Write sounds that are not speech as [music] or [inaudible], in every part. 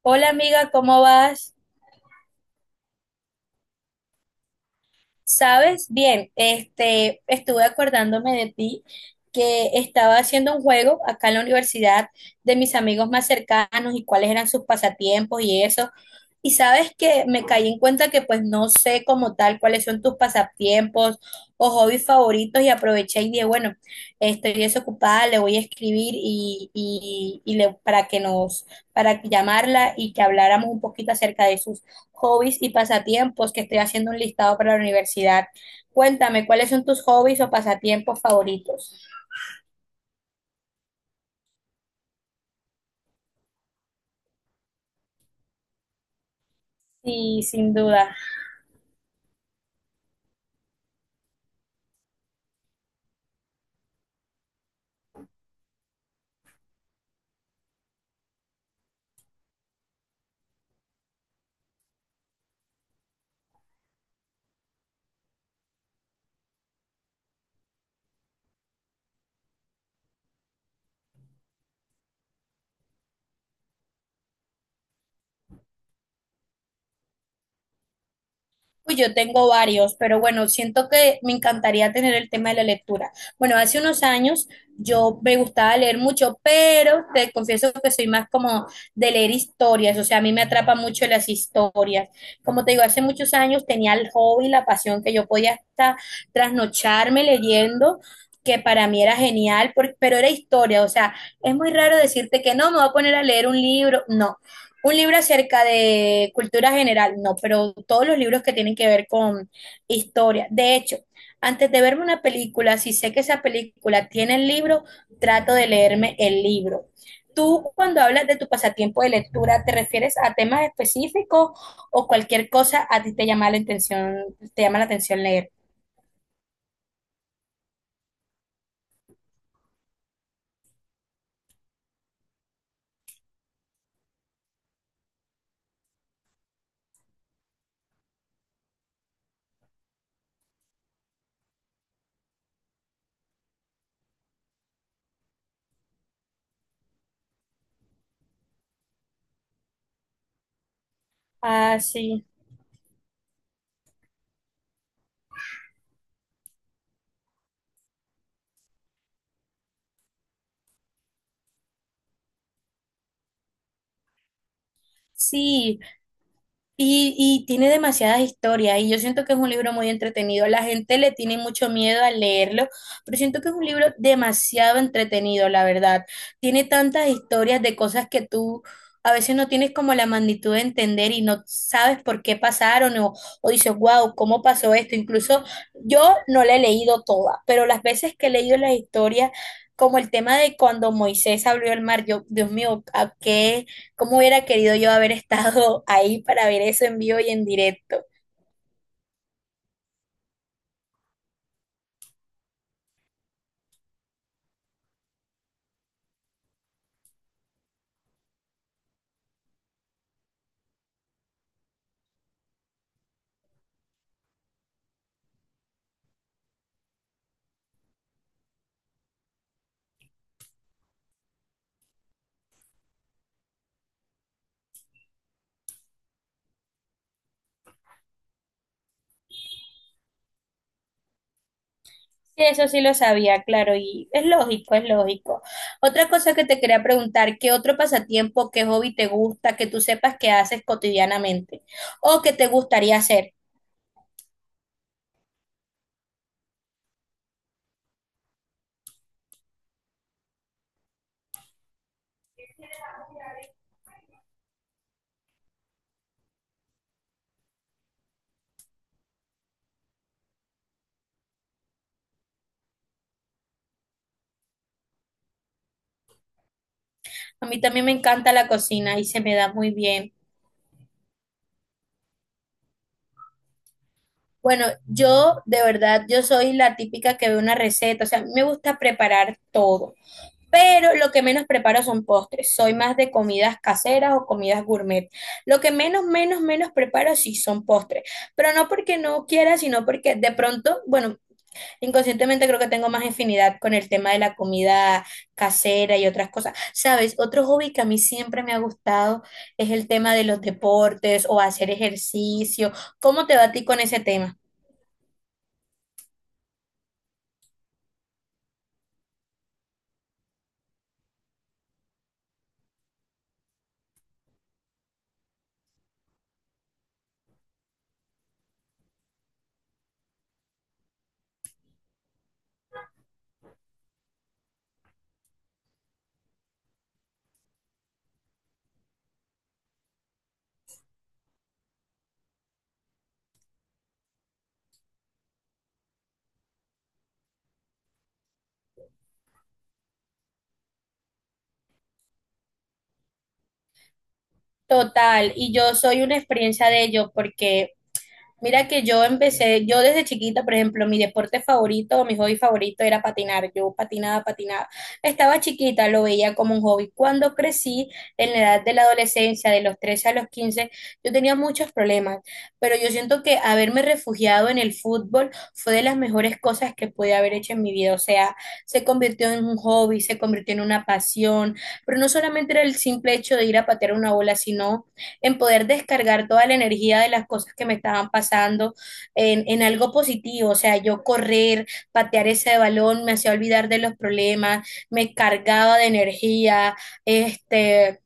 Hola amiga, ¿cómo vas? ¿Sabes? Bien, estuve acordándome de ti que estaba haciendo un juego acá en la universidad de mis amigos más cercanos y cuáles eran sus pasatiempos y eso. Y sabes que me caí en cuenta que pues no sé como tal cuáles son tus pasatiempos o hobbies favoritos y aproveché y dije, bueno, estoy desocupada, le voy a escribir y le, para que nos, para llamarla y que habláramos un poquito acerca de sus hobbies y pasatiempos que estoy haciendo un listado para la universidad. Cuéntame, ¿cuáles son tus hobbies o pasatiempos favoritos? Sí, sin duda. Uy, yo tengo varios, pero bueno, siento que me encantaría tener el tema de la lectura. Bueno, hace unos años yo me gustaba leer mucho, pero te confieso que soy más como de leer historias, o sea, a mí me atrapa mucho las historias. Como te digo, hace muchos años tenía el hobby, la pasión que yo podía hasta trasnocharme leyendo, que para mí era genial, pero era historia, o sea, es muy raro decirte que no, me voy a poner a leer un libro, no, un libro acerca de cultura general, no, pero todos los libros que tienen que ver con historia. De hecho, antes de verme una película, si sé que esa película tiene el libro, trato de leerme el libro. Tú, cuando hablas de tu pasatiempo de lectura, ¿te refieres a temas específicos o cualquier cosa a ti te llama la atención, te llama la atención leer? Ah, sí. Sí, y tiene demasiadas historias y yo siento que es un libro muy entretenido. La gente le tiene mucho miedo al leerlo, pero siento que es un libro demasiado entretenido, la verdad. Tiene tantas historias de cosas que tú a veces no tienes como la magnitud de entender y no sabes por qué pasaron, o dices, wow, ¿cómo pasó esto? Incluso yo no la he leído toda, pero las veces que he leído las historias, como el tema de cuando Moisés abrió el mar, yo, Dios mío, ¿a qué? Cómo hubiera querido yo haber estado [laughs] ahí para ver eso en vivo y en directo. Sí, eso sí lo sabía, claro, y es lógico, es lógico. Otra cosa que te quería preguntar, ¿qué otro pasatiempo, qué hobby te gusta, que tú sepas que haces cotidianamente o que te gustaría hacer? A mí también me encanta la cocina y se me da muy bien. Bueno, yo de verdad, yo soy la típica que ve una receta, o sea, me gusta preparar todo, pero lo que menos preparo son postres. Soy más de comidas caseras o comidas gourmet. Lo que menos, menos, menos preparo sí son postres, pero no porque no quiera, sino porque de pronto, bueno, inconscientemente creo que tengo más afinidad con el tema de la comida casera y otras cosas. Sabes, otro hobby que a mí siempre me ha gustado es el tema de los deportes o hacer ejercicio. ¿Cómo te va a ti con ese tema? Total, y yo soy una experiencia de ello porque mira que yo empecé, yo desde chiquita, por ejemplo, mi deporte favorito, mi hobby favorito era patinar. Yo patinaba, patinaba. Estaba chiquita, lo veía como un hobby. Cuando crecí, en la edad de la adolescencia, de los 13 a los 15 yo tenía muchos problemas, pero yo siento que haberme refugiado en el fútbol fue de las mejores cosas que pude haber hecho en mi vida. O sea, se convirtió en un hobby, se convirtió en una pasión, pero no solamente era el simple hecho de ir a patear una bola, sino en poder descargar toda la energía de las cosas que me estaban pasando en algo positivo, o sea, yo correr, patear ese balón, me hacía olvidar de los problemas, me cargaba de energía, este,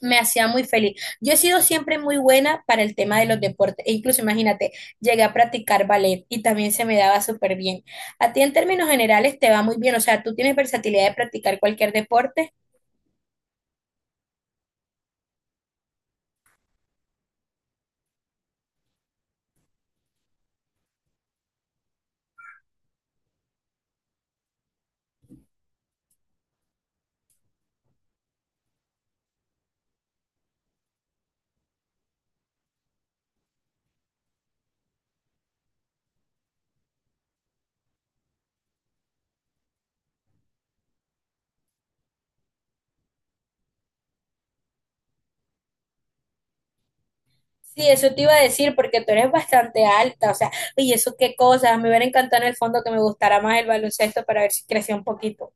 me hacía muy feliz. Yo he sido siempre muy buena para el tema de los deportes, e incluso imagínate, llegué a practicar ballet y también se me daba súper bien. A ti en términos generales te va muy bien, o sea, tú tienes versatilidad de practicar cualquier deporte. Sí, eso te iba a decir porque tú eres bastante alta, o sea, y eso qué cosas, me hubiera encantado en el fondo que me gustara más el baloncesto para ver si crecía un poquito.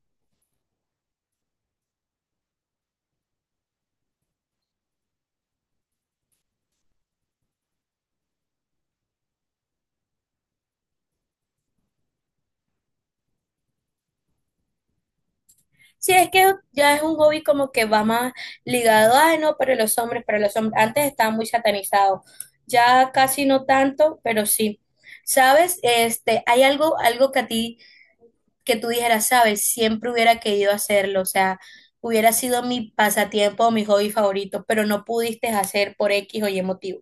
Sí, es que ya es un hobby como que va más ligado, ay no, para los hombres, antes estaba muy satanizado, ya casi no tanto, pero sí. ¿Sabes? Hay algo, algo que a ti, que tú dijeras, sabes, siempre hubiera querido hacerlo, o sea, hubiera sido mi pasatiempo o mi hobby favorito, pero no pudiste hacer por X o Y motivo.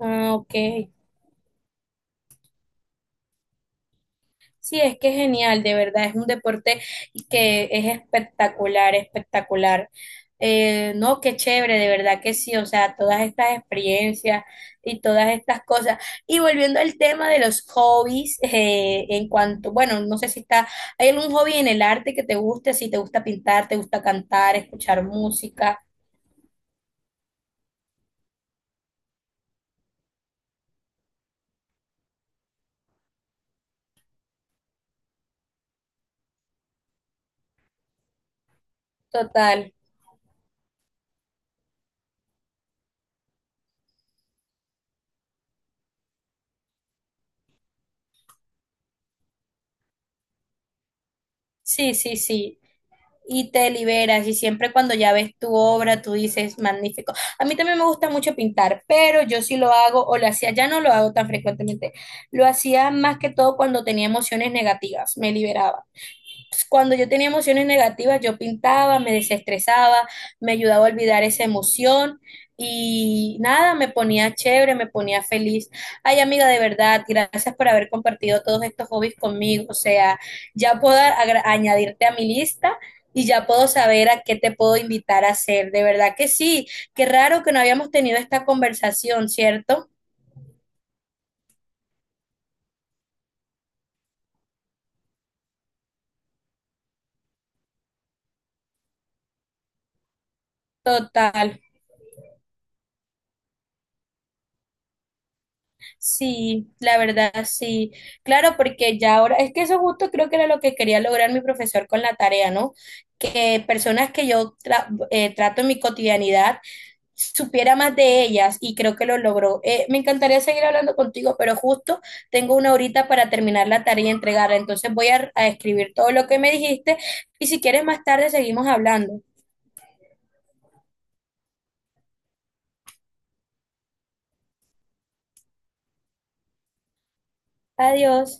Ah, ok. Sí, es que es genial, de verdad, es un deporte que es espectacular, espectacular. No, qué chévere, de verdad que sí, o sea, todas estas experiencias y todas estas cosas. Y volviendo al tema de los hobbies, en cuanto, bueno, no sé si está, ¿hay algún hobby en el arte que te guste? Si te gusta pintar, te gusta cantar, escuchar música, total. Sí, sí, sí. Y te liberas. Y siempre cuando ya ves tu obra, tú dices, magnífico. A mí también me gusta mucho pintar, pero yo sí lo hago, o lo hacía, ya no lo hago tan frecuentemente. Lo hacía más que todo cuando tenía emociones negativas, me liberaba, pues, cuando yo tenía emociones negativas, yo pintaba, me desestresaba, me ayudaba a olvidar esa emoción y nada, me ponía chévere, me ponía feliz. Ay, amiga, de verdad, gracias por haber compartido todos estos hobbies conmigo. O sea, ya puedo añadirte a mi lista. Y ya puedo saber a qué te puedo invitar a hacer. De verdad que sí. Qué raro que no habíamos tenido esta conversación, ¿cierto? Total. Sí, la verdad, sí. Claro, porque ya ahora, es que eso justo creo que era lo que quería lograr mi profesor con la tarea, ¿no? Que personas que yo trato en mi cotidianidad supiera más de ellas y creo que lo logró. Me encantaría seguir hablando contigo, pero justo tengo una horita para terminar la tarea y entregarla, entonces voy a escribir todo lo que me dijiste y si quieres más tarde seguimos hablando. Adiós.